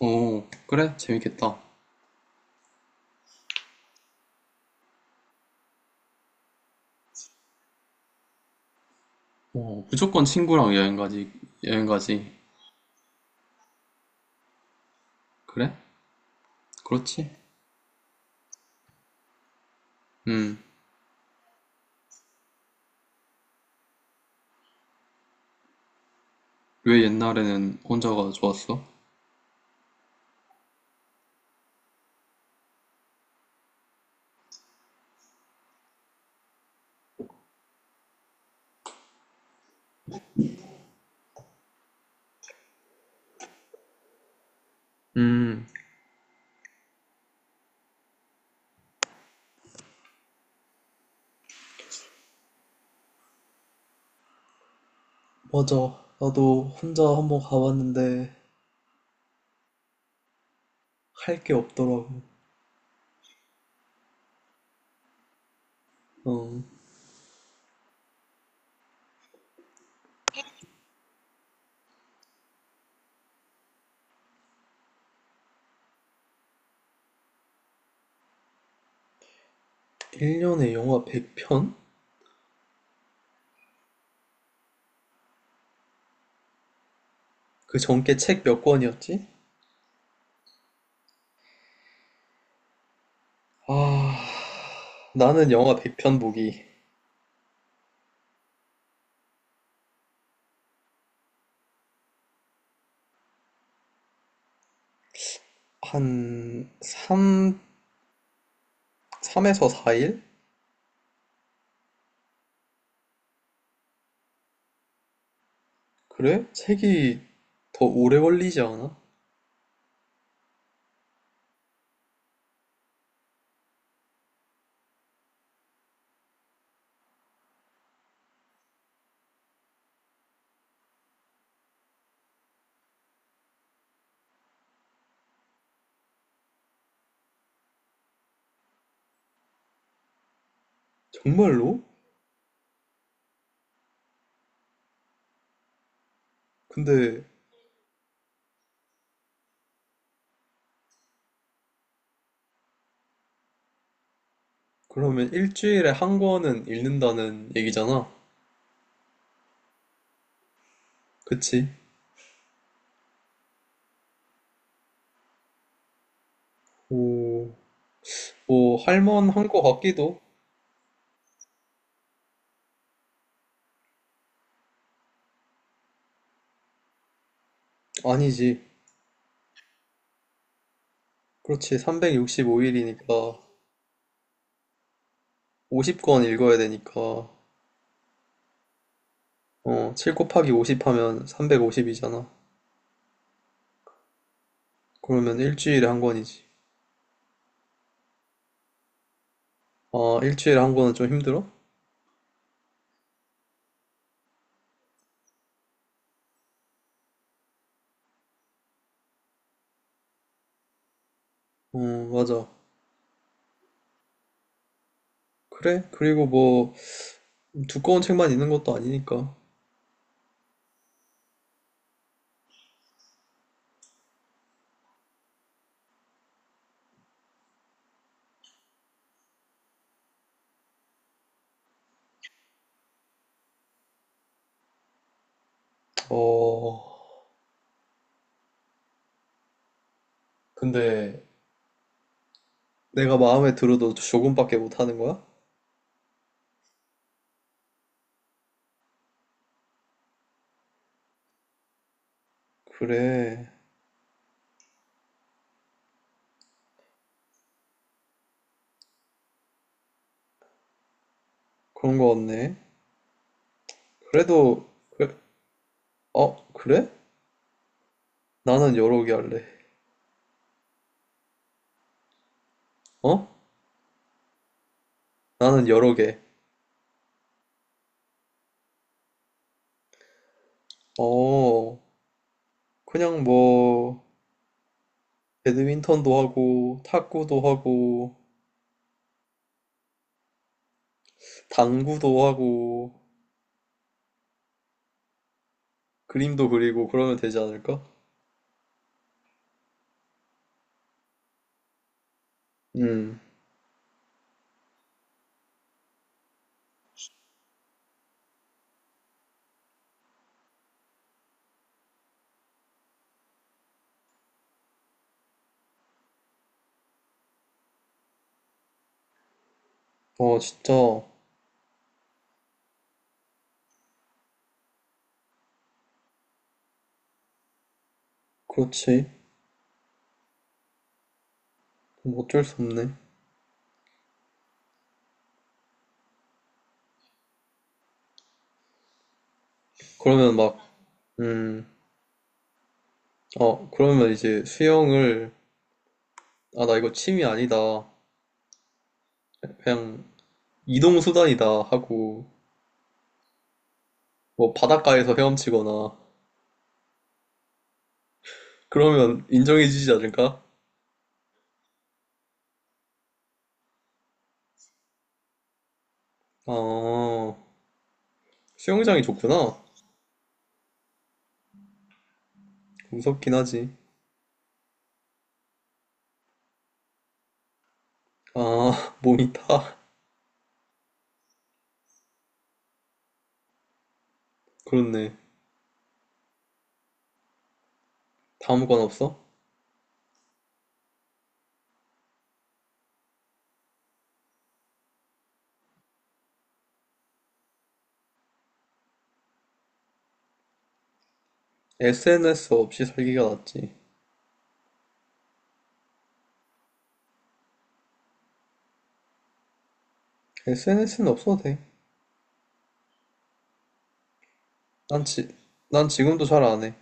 오, 그래? 재밌겠다. 오, 무조건 친구랑 여행 가지, 여행 가지. 그래? 그렇지. 음, 왜 옛날에는 혼자가 좋았어? 음, 맞아. 나도 혼자 한번 가봤는데, 어, 1년에 영화 100편? 그 전께 책 몇 권이었지? 아, 나는 영화 100편 보기. 한 3, 3에서 4일? 그래? 책이 더 오래 걸리지 않아? 정말로? 근데 그러면 일주일에 한 권은 읽는다는 얘기잖아. 그치? 오, 뭐, 할만한 거 같기도. 아니지. 그렇지. 365일이니까 50권 읽어야 되니까, 7 곱하기 50 하면 350이잖아. 그러면 일주일에 한 권이지. 아, 일주일에 한 권은 좀 힘들어? 어, 맞아. 그래? 그리고 뭐, 두꺼운 책만 있는 것도 아니니까. 어, 근데 내가 마음에 들어도 조금밖에 못 하는 거야? 그래. 그런 거 같네. 그래도, 그래. 어, 그래? 나는 여러 개 할래. 어? 나는 여러 개. 어, 그냥 뭐 배드민턴도 하고 탁구도 하고 당구도 하고 그림도 그리고 그러면 되지 않을까? 음. 어, 진짜 그렇지. 뭐 어쩔 수 없네. 그러면 막, 음. 어, 그러면 이제 수영을, 아, 나 이거 취미 아니다. 그냥 이동 수단이다 하고 뭐 바닷가에서 헤엄치거나 그러면 인정해주지 않을까? 아, 수영장이 좋구나. 무섭긴 하지. 아, 몸이 타. 그렇네. 다음 건 없어? SNS 없이 살기가 낫지. SNS는 없어도 돼. 난 지, 난 지금도 잘 안 해.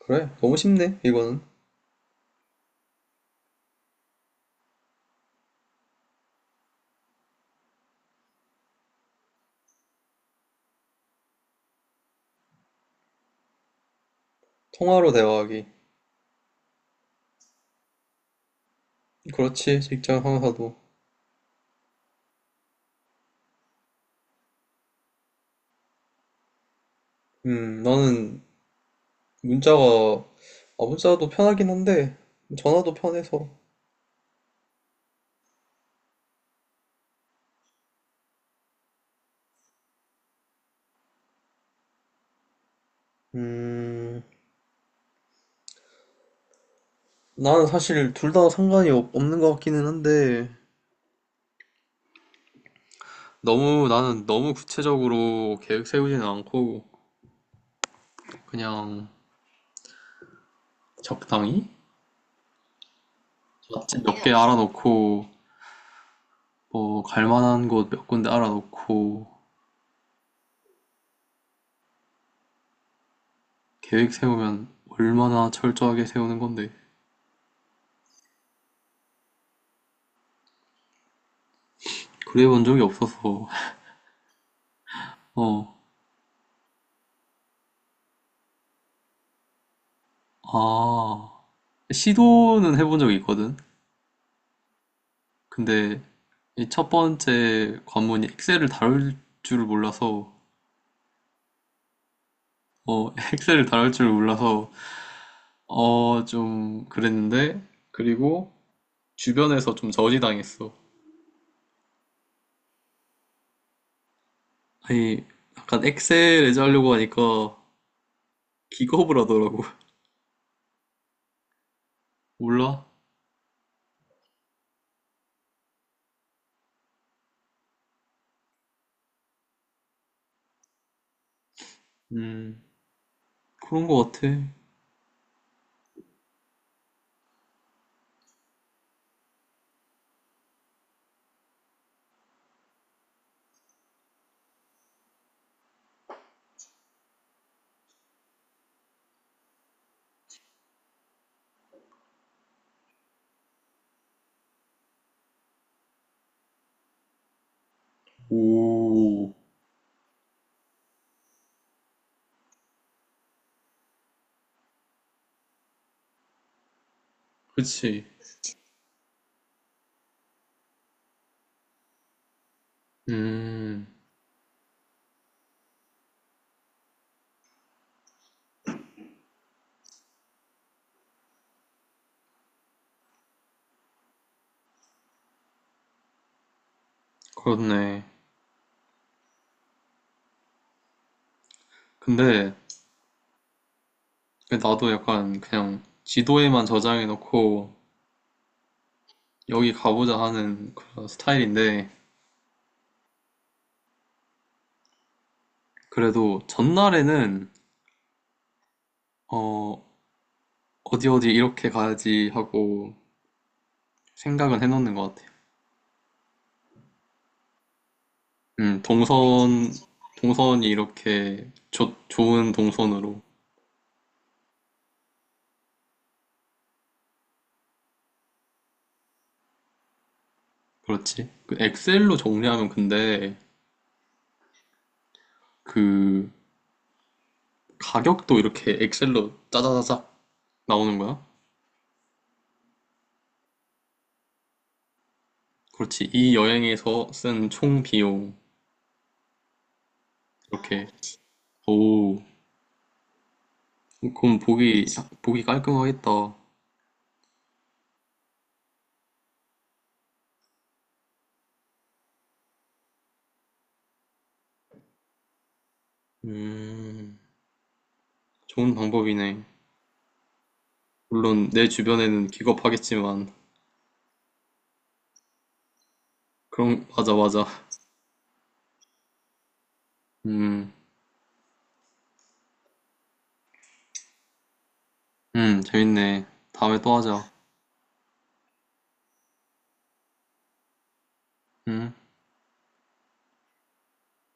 그래, 너무 쉽네, 이거는. 통화로 대화하기. 그렇지, 직장 상사도. 나는 문자가, 아, 문자도 편하긴 한데, 전화도 편해서. 음, 나는 사실 둘 다 상관이 없는 것 같기는 한데, 너무 나는 너무 구체적으로 계획 세우지는 않고 그냥 적당히 맛집 몇 개 적당해야지. 알아놓고, 뭐 갈 만한 곳 몇 군데 알아놓고. 계획 세우면 얼마나 철저하게 세우는 건데? 그래 본 적이 없어서. 어, 아, 시도는 해본 적이 있거든. 근데 이 첫 번째 관문이 엑셀을 다룰 줄을 몰라서. 어, 엑셀을 다룰 줄을 몰라서 어, 좀 그랬는데, 그리고 주변에서 좀 저지당했어. 아니, 약간 엑셀 예제 하려고 하니까 기겁을 하더라고. 몰라? 음, 그런 거 같아. 오, 그치. 음, 그렇네. 근데 나도 약간 그냥 지도에만 저장해놓고 여기 가보자 하는 그런 스타일인데, 그래도 전날에는, 어, 어디 어디 이렇게 가야지 하고 생각은 해놓는 것 같아. 음, 동선, 동선이 이렇게 좋 좋은 동선으로. 그렇지. 그 엑셀로 정리하면, 근데 그 가격도 이렇게 엑셀로 짜자자작 나오는 거야? 그렇지. 이 여행에서 쓴 총 비용. 이렇게. 오, 그럼 보기 깔끔하겠다. 음, 좋은 방법이네. 물론 내 주변에는 기겁하겠지만. 그럼, 맞아, 맞아. 음, 음, 재밌네. 다음에 또 하자. 음.